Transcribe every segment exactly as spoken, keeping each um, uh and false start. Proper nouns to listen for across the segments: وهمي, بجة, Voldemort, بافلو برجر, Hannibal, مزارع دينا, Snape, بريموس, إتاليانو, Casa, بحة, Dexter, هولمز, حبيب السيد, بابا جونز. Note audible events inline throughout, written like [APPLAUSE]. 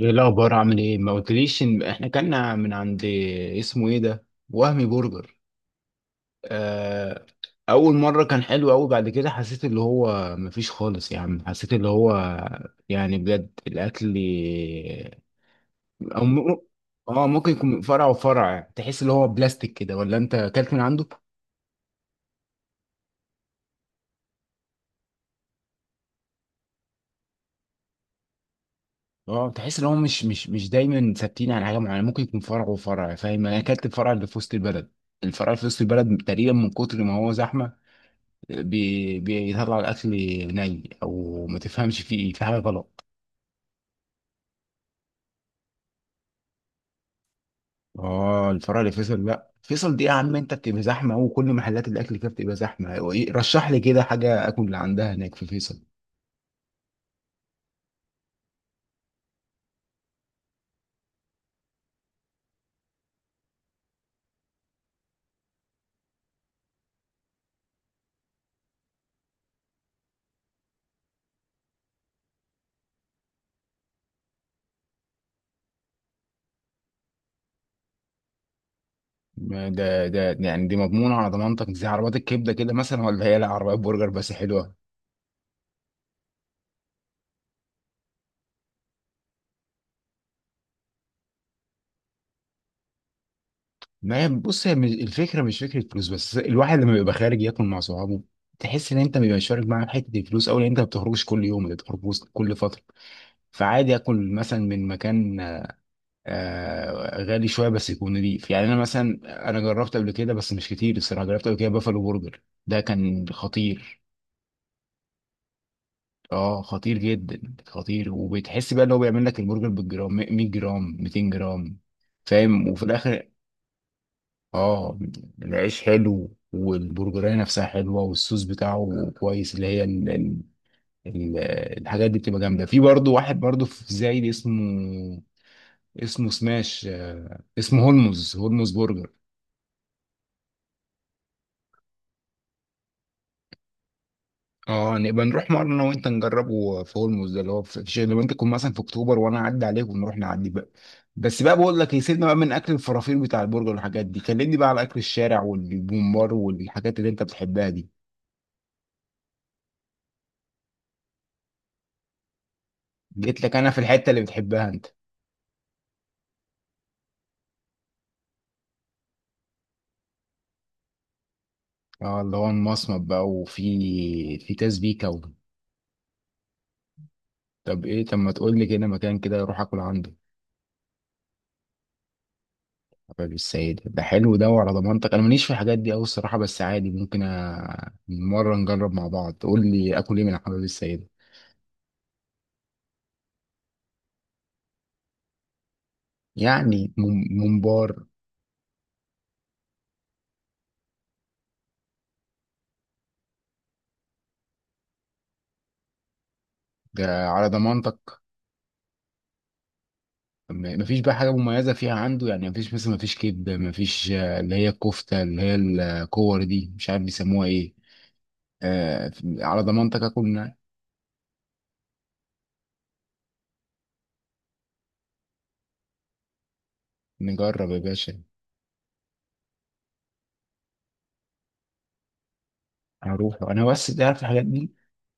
ايه الاخبار عامل ايه؟ ما قلتليش ان احنا كنا من عند اسمه ايه ده، وهمي برجر. آه. اول مره كان حلو قوي، بعد كده حسيت اللي هو مفيش خالص يا عم، حسيت اللي هو، يعني بجد الاكل. او م... اه، ممكن يكون فرع وفرع يعني. تحس اللي هو بلاستيك كده، ولا انت اكلت من عنده؟ اه، تحس ان هو مش مش مش دايما ثابتين على حاجه معينه، ممكن يكون فرع وفرع، فاهم؟ انا اكلت الفرع اللي في وسط البلد، الفرع اللي في وسط البلد تقريبا من كتر ما هو زحمه بي بيطلع الاكل، ني او ما تفهمش فيه ايه، في حاجه غلط. اه الفرع اللي فيصل، لا فيصل دي يا عم انت بتبقى زحمه، وكل محلات الاكل فيها بتبقى زحمه. هو إيه- رشح لي كده حاجه اكل اللي عندها هناك في فيصل. ما ده ده يعني دي مضمونه على ضمانتك زي عربيات الكبده كده مثلا، ولا هي لا عربيات برجر بس حلوه؟ ما هي بص هي مش- الفكره مش فكره فلوس، بس الواحد لما بيبقى خارج ياكل مع صحابه تحس ان انت بيبقى شارك معاهم حته الفلوس، او ان انت ما بتخرجش كل يوم، انت بتخرج وسط- كل فتره، فعادي اكل مثلا من مكان آه، غالي شويه، بس يكون نضيف يعني. انا مثلا انا جربت قبل كده بس مش كتير الصراحه، جربت قبل كده بافلو برجر، ده كان خطير. اه، خطير جدا خطير، وبتحس بقى ان هو بيعمل لك البرجر بالجرام، مية جرام، ميتين جرام، فاهم؟ وفي الاخر اه. العيش حلو والبرجرية نفسها حلوة، والصوص بتاعه كويس، اللي هي ال ال ال الحاجات دي بتبقى جامدة. في برضه واحد برضه في زايد، اسمه اسمه سماش، آه، اسمه هولمز، هولمز برجر. اه، نبقى نروح مرة انا وانت نجربه في هولمز ده، اللي هو في في شيء لما انت تكون مثلا في اكتوبر وانا اعدي عليك ونروح نعدي بقى. بس بقى بقول لك، يسيبنا بقى من اكل الفرافير بتاع البرجر والحاجات دي، كلمني بقى على اكل الشارع والبومبار والحاجات اللي انت بتحبها دي. جيت لك انا في الحتة اللي بتحبها انت. اه اللي هو المصمت بقى، وفي في تسبيكة و... طب ايه، طب ما تقول لي كده مكان كده اروح اكل عنده. حبيب السيد ده حلو ده؟ وعلى ضمانتك، انا ماليش في الحاجات دي قوي الصراحة، بس عادي ممكن أ... مرة نجرب مع بعض، تقول لي اكل ايه من حبيب السيد. يعني مم- ممبار؟ ده على ضمانتك. م- مفيش بقى حاجة مميزة فيها عنده يعني؟ مفيش مثلا مفيش كبدة، مفيش آه، اللي هي الكفتة، اللي هي الكور دي، مش عارف بيسموها ايه. آه، على ضمانتك اكل من- نجرب يا باشا. هروح انا، بس تعرف الحاجات دي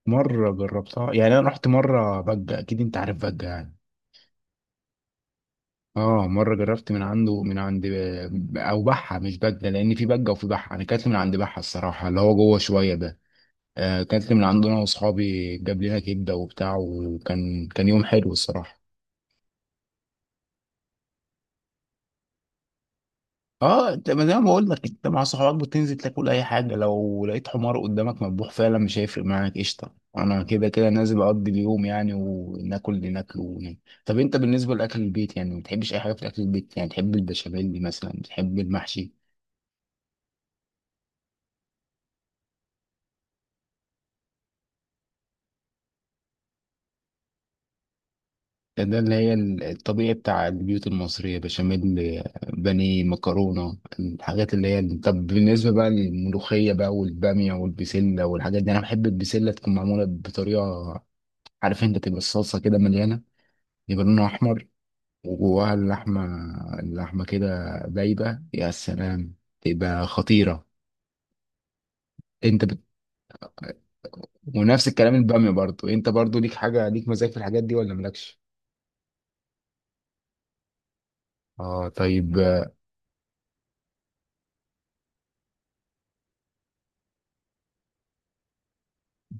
مرة جربتها يعني. انا رحت مرة بجة، اكيد انت عارف بجة يعني. اه، مرة جربت من عنده من عند او بحة، مش بجة، لان في بجة وفي بحة، انا كانت من عند بحة الصراحة اللي هو جوه شوية ده. آه، اكلت من عندنا واصحابي جاب لنا كبده وبتاع، وكان كان يوم حلو الصراحه. اه انت، ما زي ما بقول لك انت مع صحابك بتنزل تاكل اي حاجه، لو لقيت حمار قدامك مذبوح فعلا مش هيفرق معاك، قشطه، انا كده كده نازل اقضي اليوم يعني، وناكل اللي ناكله وننام. طب انت بالنسبه لاكل البيت يعني، ما بتحبش اي حاجه في اكل البيت يعني؟ تحب البشاميل مثلا؟ تحب المحشي؟ ده اللي هي الطبيعي بتاع البيوت المصرية، بشاميل، بانيه، مكرونة، الحاجات اللي هي. طب بالنسبة بقى للملوخية بقى والبامية والبسلة والحاجات دي، أنا بحب البسلة تكون معمولة بطريقة، عارف أنت، تبقى الصلصة كده مليانة، يبقى لونها أحمر، وجواها اللحمة، اللحمة كده دايبة، يا سلام تبقى خطيرة. أنت بت... ونفس الكلام البامية برضو، أنت برضو ليك حاجة، ليك مزاج في الحاجات دي ولا مالكش؟ اه طيب آه،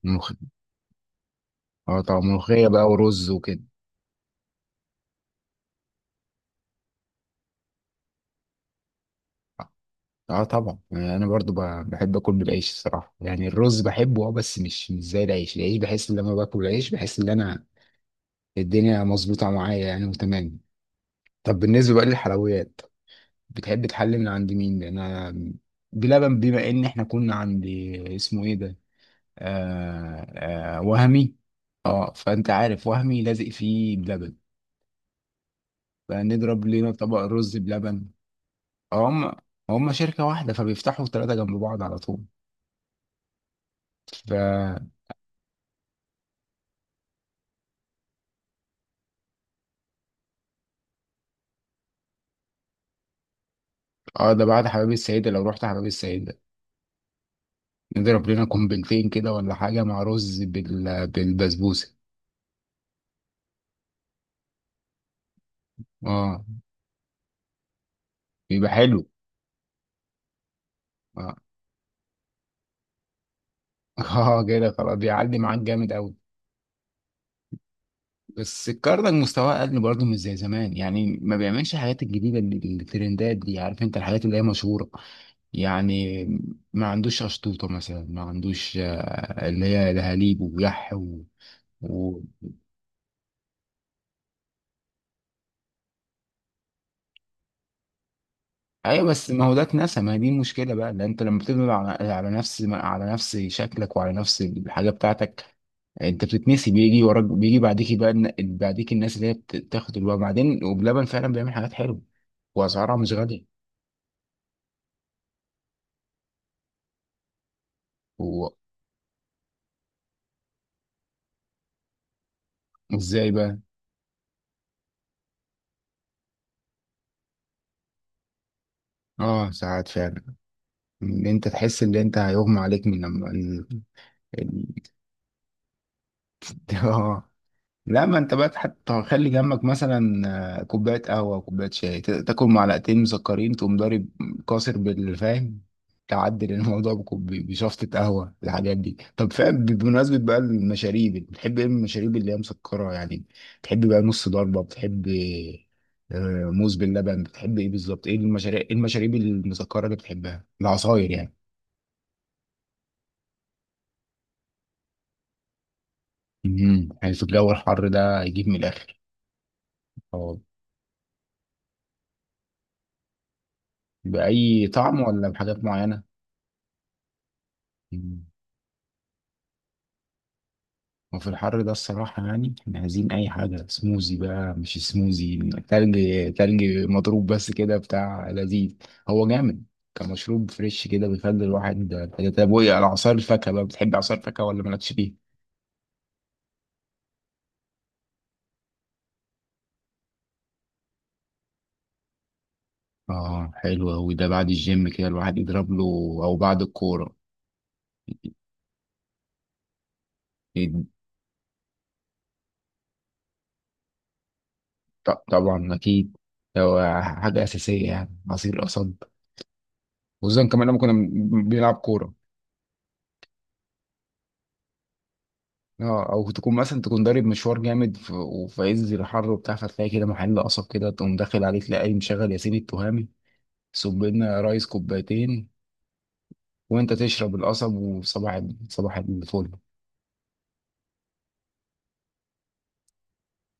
ملوخية، اه طبعا ملوخية بقى ورز وكده. اه طبعا يعني انا برضو ب- بحب اكل بالعيش الصراحه، يعني الرز بحبه اه، بس مش مش زي العيش، العيش بحس ان لما باكل العيش بحس ان انا الدنيا مظبوطه معايا يعني وتمام. طب بالنسبه بقى للحلويات، بتحب تحلي من عند مين؟ لان انا بلبن، بما ان احنا كنا عند اسمه ايه ده، آه آه وهمي، اه فانت عارف وهمي لازق فيه بلبن، فنضرب لنا طبق رز بلبن. هم هم شركه واحده فبيفتحوا ثلاثه جنب بعض على طول. اه ده بعد حمام السيدة، لو رحت حمام السيدة نضرب لنا قنبلتين كده ولا حاجة مع رز بال... بالبسبوسة. اه بيبقى حلو. اه [LAUGHS] اه كده خلاص، بيعلي معاك جامد قوي. بس الكرنك مستواه اقل برضه، مش زي زمان يعني، ما بيعملش الحاجات الجديدة اللي- الترندات دي، عارف انت الحاجات اللي هي مشهورة يعني. ما عندوش أشطوطة مثلا، ما عندوش آه، اللي هي دهاليب ويح و... و... ايوه، بس ما هو ده اتنسى، ما هي دي المشكله بقى، لان انت لما بتبني على على نفس على نفس شكلك وعلى نفس الحاجه بتاعتك انت بتتنسي، بيجي وراك، بيجي بعديك بقى الن- بعديك الناس اللي هي بت- بتاخد الوقت بعدين، وبلبن فعلا بيعمل حاجات حلوه واسعارها مش غاليه. هو ازاي بقى؟ اه ساعات فعلا. ان انت تحس ان انت هيغمى عليك من لما ال... ال... [LAUGHS] اه لا، ما انت بقى حتى خلي جنبك مثلا آه، كوبايه قهوه كوبايه شاي، تا- تاكل معلقتين مسكرين تقوم ضارب كاسر بالفاهم، تعدل الموضوع بكوب- بشفطه قهوه، الحاجات دي، طب فاهم. بمناسبه بقى المشاريب، بتحب ايه من المشاريب اللي هي مسكره يعني؟ بتحب بقى نص ضربه؟ بتحب آه، موز باللبن؟ بتحب ايه بالظبط؟ ايه المشاريب، ايه المشاريب المسكره اللي بتحبها؟ العصاير يعني. امم يعني في الجو الحر ده يجيب من الاخر. اه بأي طعم ولا بحاجات معينة؟ وفي الحر ده الصراحة يعني احنا عايزين أي حاجة سموزي بقى، مش سموزي، تلج، تلج مضروب، بس كده بتاع لذيذ، هو جامد كمشروب فريش كده بيخلي الواحد. طب وإيه على عصير الفاكهة بقى، بتحب عصير الفاكهة ولا مالكش فيه؟ آه حلو أوي ده، بعد الجيم كده الواحد يضرب له، أو بعد الكورة. ط- طبعا أكيد، هو حاجة أساسية يعني، عصير قصب وزن، كمان لما كنا بنلعب كورة. اه او تكون مثلا تكون ضارب مشوار جامد في- وفي عز الحر وبتاع، فتلاقي كده محل قصب كده تقوم داخل عليه تلاقي مشغل ياسين التهامي، صب لنا يا ريس كوبايتين، وانت تشرب القصب، وصباح ال- صباح الفل.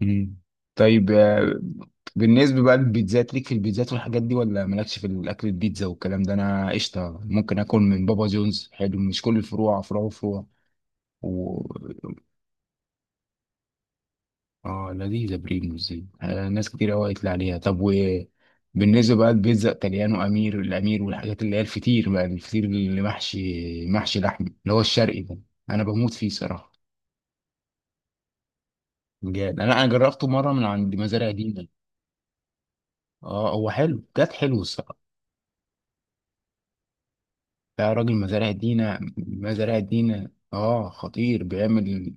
مم. طيب آه، بالنسبة بقى للبيتزات، ليك في البيتزات والحاجات دي ولا مالكش في الأكل؟ البيتزا والكلام ده أنا قشطة، ممكن آكل من بابا جونز، حلو، مش كل الفروع، فروع وفروع. اه لذيذة بريموس دي، آه، ناس كتير قوي قالت لي عليها. طب وبالنسبة بقى لبيتزا إتاليانو، أمير الأمير والحاجات اللي هي الفطير بقى، الفطير اللي محشي، محشي لحم اللي هو الشرقي ده، أنا بموت فيه صراحة. بجد، أنا أنا جربته مرة من عند مزارع دينا. اه هو حلو، كانت حلو الصراحة. يا راجل مزارع دينا، مزارع دينا، اه خطير، بيعمل،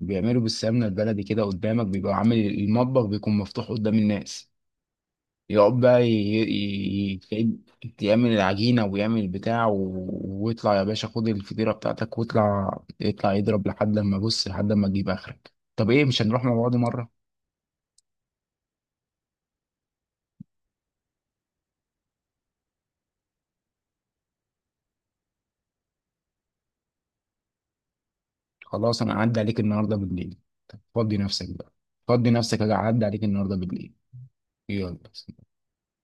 بيعملوا بالسمنة البلدي كده قدامك، بيبقى عامل المطبخ بيكون مفتوح قدام الناس، يقعد بقى ي... ي... ي- يعمل العجينة ويعمل البتاع و... ويطلع يا باشا، خد الفطيرة بتاعتك واطلع، يطلع يضرب لحد ما بص، لحد ما تجيب آخرك. طب إيه، مش هنروح مع بعض مرة؟ خلاص أنا أعدي عليك النهاردة بالليل. طب فضي نفسك بقى، فضي نفسك أجي أعدي عليك النهاردة بالليل. يلا